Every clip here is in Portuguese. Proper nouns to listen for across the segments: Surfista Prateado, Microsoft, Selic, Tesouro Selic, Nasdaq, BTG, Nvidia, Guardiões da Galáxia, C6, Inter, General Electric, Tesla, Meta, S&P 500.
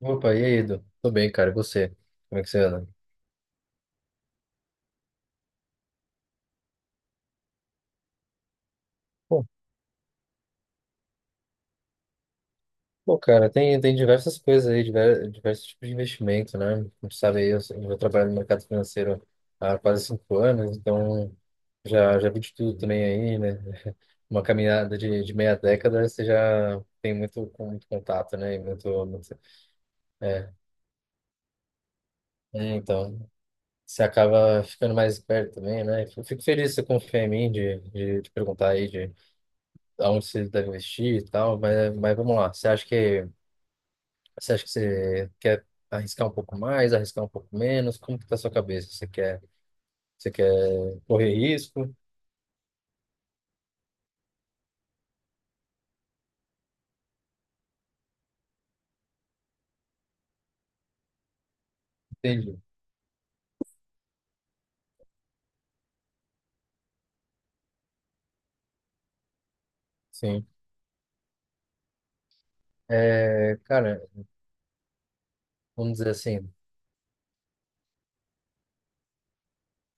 Opa, e aí, Edu? Tô bem, cara. E você? Como é que você anda? Bom, bom, cara, tem diversas coisas aí, diversos tipos de investimento, né? Como tu sabe aí, eu trabalho no mercado financeiro há quase 5 anos, então já vi de tudo também aí, né? Uma caminhada de meia década, você já tem muito, com muito contato, né? É, então, você acaba ficando mais esperto também, né? Eu fico feliz que você confia em mim de perguntar aí, aonde você deve investir e tal, mas vamos lá. Você acha que você quer arriscar um pouco mais, arriscar um pouco menos? Como que tá a sua cabeça? Você quer correr risco? Entendi. Sim. É, cara, vamos dizer assim,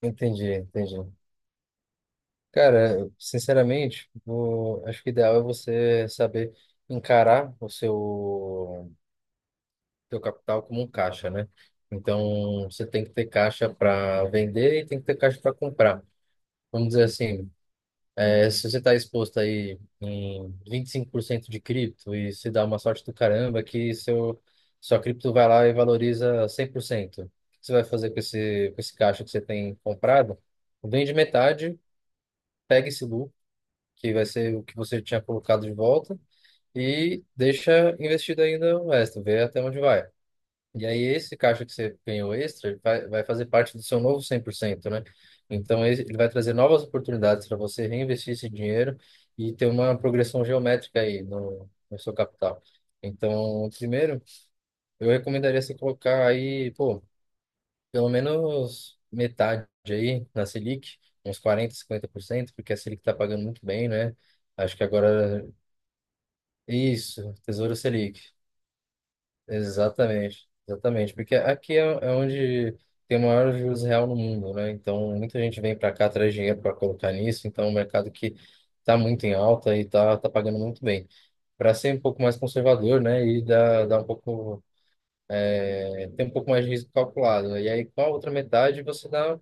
entendi. Cara, sinceramente, acho que o ideal é você saber encarar o seu capital como um caixa, né? Então, você tem que ter caixa para vender e tem que ter caixa para comprar. Vamos dizer assim. É, se você está exposto aí em 25% de cripto e se dá uma sorte do caramba que sua cripto vai lá e valoriza 100%, o que você vai fazer com com esse caixa que você tem comprado? Vende metade, pega esse lucro, que vai ser o que você tinha colocado de volta, e deixa investido ainda o resto, vê até onde vai. E aí, esse caixa que você ganhou extra, ele vai fazer parte do seu novo 100%, né? Então, ele vai trazer novas oportunidades para você reinvestir esse dinheiro e ter uma progressão geométrica aí no seu capital. Então, primeiro, eu recomendaria você colocar aí, pô, pelo menos metade aí na Selic, uns 40-50%, porque a Selic está pagando muito bem, né? Acho que agora. Isso, Tesouro Selic. Exatamente, exatamente, porque aqui é onde tem o maior juros real no mundo, né? Então muita gente vem para cá, traz dinheiro para colocar nisso, então é um mercado que está muito em alta e está pagando muito bem. Para ser um pouco mais conservador, né? E dar dá um pouco, tem um pouco mais de risco calculado, né? E aí, com a outra metade, você dá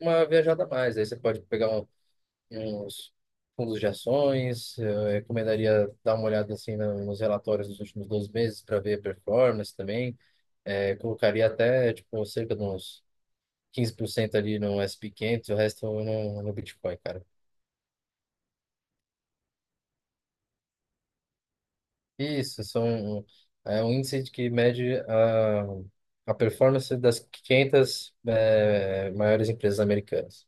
uma viajada a mais. Aí você pode pegar uns fundos de ações. Eu recomendaria dar uma olhada assim nos relatórios dos últimos 12 meses para ver a performance também. É, colocaria até, tipo, cerca de uns 15% ali no S&P 500, e o resto no Bitcoin, cara. Isso, é um índice de que mede a performance das 500 maiores empresas americanas.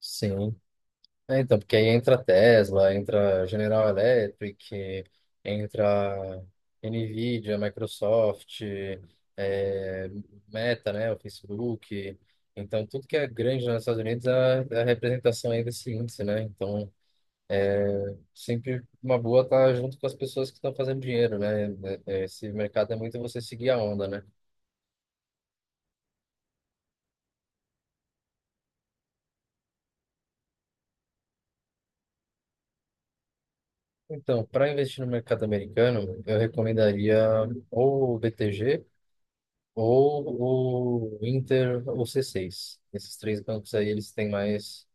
Sim. É, então, porque aí entra Tesla, entra General Electric, entra Nvidia, Microsoft, é, Meta, né, o Facebook. Então, tudo que é grande nos Estados Unidos é a representação aí desse índice, né? Então, é sempre uma boa estar junto com as pessoas que estão fazendo dinheiro, né? Esse mercado é muito você seguir a onda, né? Então, para investir no mercado americano, eu recomendaria ou o BTG, ou o Inter, ou C6. Esses três bancos aí, eles têm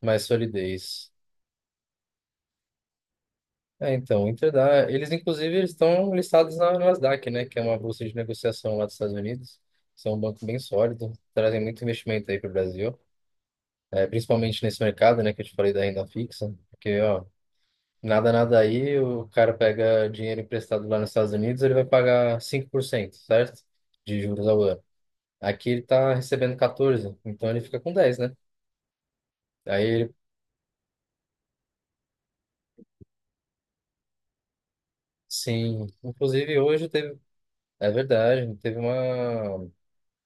mais solidez. É, então, o Inter dá. Eles, inclusive, eles estão listados na Nasdaq, né? Que é uma bolsa de negociação lá dos Estados Unidos. São um banco bem sólido, trazem muito investimento aí para o Brasil, é, principalmente nesse mercado, né? Que eu te falei da renda fixa. Porque, ó, nada aí, o cara pega dinheiro emprestado lá nos Estados Unidos, ele vai pagar 5%, certo? De juros ao ano. Aqui ele está recebendo 14, então ele fica com 10, né? Aí sim, inclusive hoje teve, é verdade, teve uma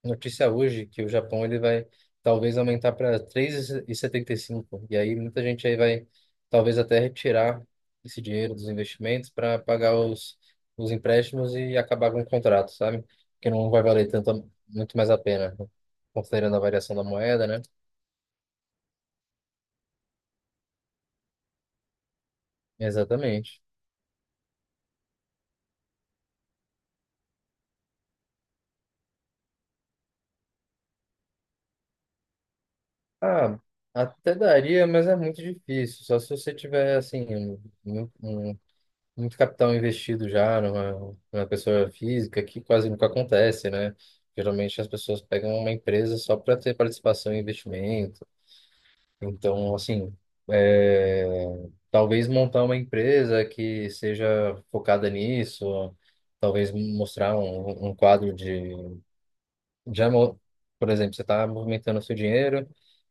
notícia hoje que o Japão ele vai talvez aumentar para três e setenta e cinco. E aí muita gente aí vai talvez até retirar esse dinheiro dos investimentos para pagar os empréstimos e acabar com o contrato, sabe? Que não vai valer tanto, muito mais a pena, né? Considerando a variação da moeda, né? Exatamente. Ah, até daria, mas é muito difícil. Só se você tiver, assim, um muito capital investido já numa pessoa física, que quase nunca acontece, né? Geralmente as pessoas pegam uma empresa só para ter participação em investimento. Então, assim, é, talvez montar uma empresa que seja focada nisso, talvez mostrar um quadro de... Por exemplo, você está movimentando o seu dinheiro,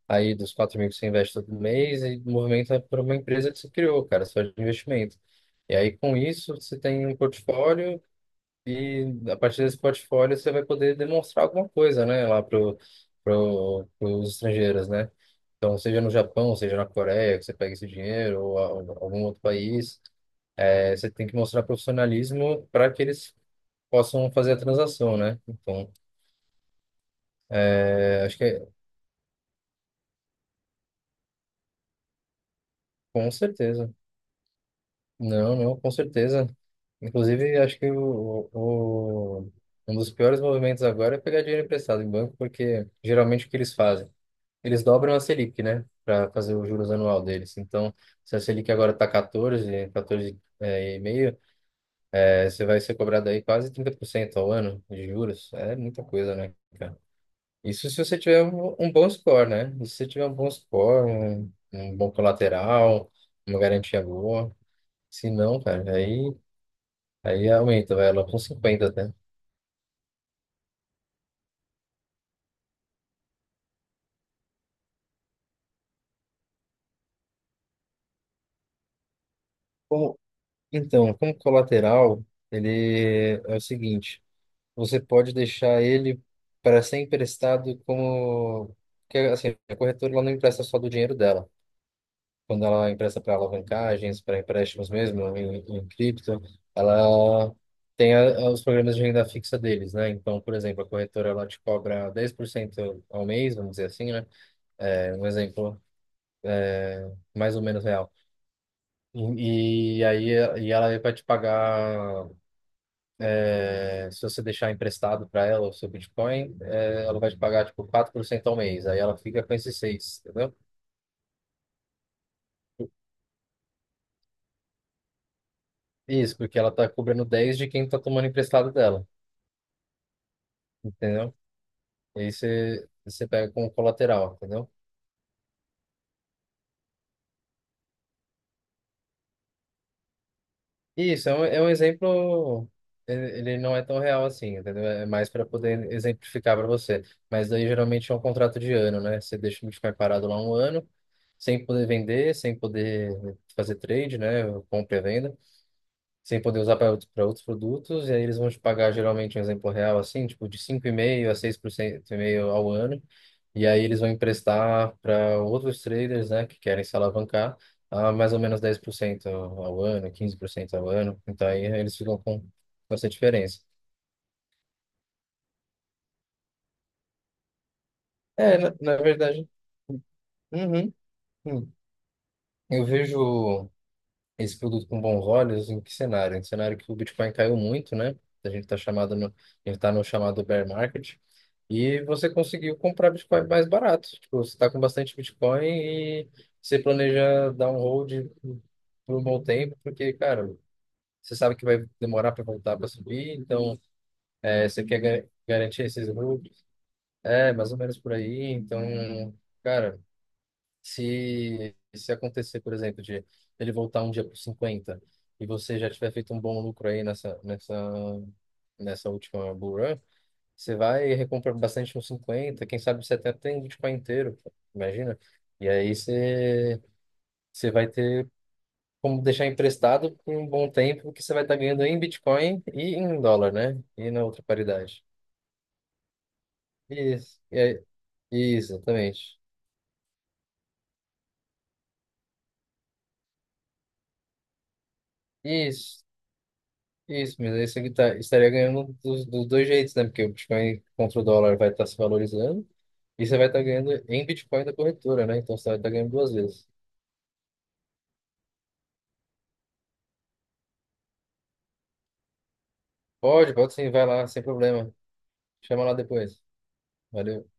aí dos 4 mil que você investe todo mês, e movimenta para uma empresa que você criou, cara, só de investimento. E aí, com isso, você tem um portfólio e, a partir desse portfólio, você vai poder demonstrar alguma coisa, né, lá pros estrangeiros, né? Então, seja no Japão, seja na Coreia, que você pega esse dinheiro, algum outro país, você tem que mostrar profissionalismo para que eles possam fazer a transação, né? Então, acho que é, com certeza. Não, não, com certeza. Inclusive, acho que um dos piores movimentos agora é pegar dinheiro emprestado em banco, porque geralmente o que eles fazem? Eles dobram a Selic, né? Para fazer o juros anual deles. Então, se a Selic agora está 14, 14 é, e meio, é, você vai ser cobrado aí quase 30% ao ano de juros. É muita coisa, né, cara? Isso se você tiver um bom score, né? E se você tiver um bom score, um bom colateral, uma garantia boa. Se não, cara, aí aumenta, vai lá com 50 até. Então, como colateral, ele é o seguinte: você pode deixar ele para ser emprestado, como que assim, a corretora ela não empresta só do dinheiro dela. Quando ela empresta para alavancagens, para empréstimos mesmo em cripto, ela tem os programas de renda fixa deles, né? Então, por exemplo, a corretora ela te cobra 10% ao mês, vamos dizer assim, né? É um exemplo mais ou menos real. E, e aí e ela vai te pagar. Se você deixar emprestado para ela o seu Bitcoin, ela vai te pagar tipo 4% ao mês. Aí ela fica com esses seis, entendeu? Isso, porque ela tá cobrando 10 de quem tá tomando emprestado dela, entendeu? E aí você, você pega como colateral, entendeu? Isso é um exemplo, ele não é tão real assim, entendeu? É mais para poder exemplificar para você. Mas daí geralmente é um contrato de ano, né? Você deixa o Bitcoin parado lá um ano, sem poder vender, sem poder fazer trade, né? Compra e venda. Sem poder usar para pra outros produtos, e aí eles vão te pagar, geralmente um exemplo real, assim, tipo de 5,5% a 6% e meio ao ano, e aí eles vão emprestar para outros traders, né, que querem se alavancar, a mais ou menos 10% ao ano, 15% ao ano, então aí eles ficam com essa diferença. É, na verdade, uhum, hum. Eu vejo esse produto com bons olhos em que cenário? Em cenário que o Bitcoin caiu muito, né? A gente tá no chamado bear market. E você conseguiu comprar Bitcoin mais barato. Tipo, você está com bastante Bitcoin e você planeja dar um hold por um bom tempo, porque, cara, você sabe que vai demorar para voltar para subir, então é, você quer garantir esses holds. É, mais ou menos por aí. Então, cara, se acontecer, por exemplo, de ele voltar um dia para 50 e você já tiver feito um bom lucro aí nessa última bull run, você vai e recompra bastante uns 50, quem sabe você até tem Bitcoin inteiro, pô, imagina. E aí você, você vai ter como deixar emprestado por um bom tempo, que você vai estar ganhando em Bitcoin e em dólar, né? E na outra paridade. Isso, e aí- isso, exatamente. Isso, isso, mas aí você estaria ganhando dos dois jeitos, né? Porque o Bitcoin contra o dólar vai estar se valorizando e você vai estar ganhando em Bitcoin da corretora, né? Então você vai estar ganhando duas vezes. Pode, pode sim, vai lá, sem problema. Chama lá depois. Valeu.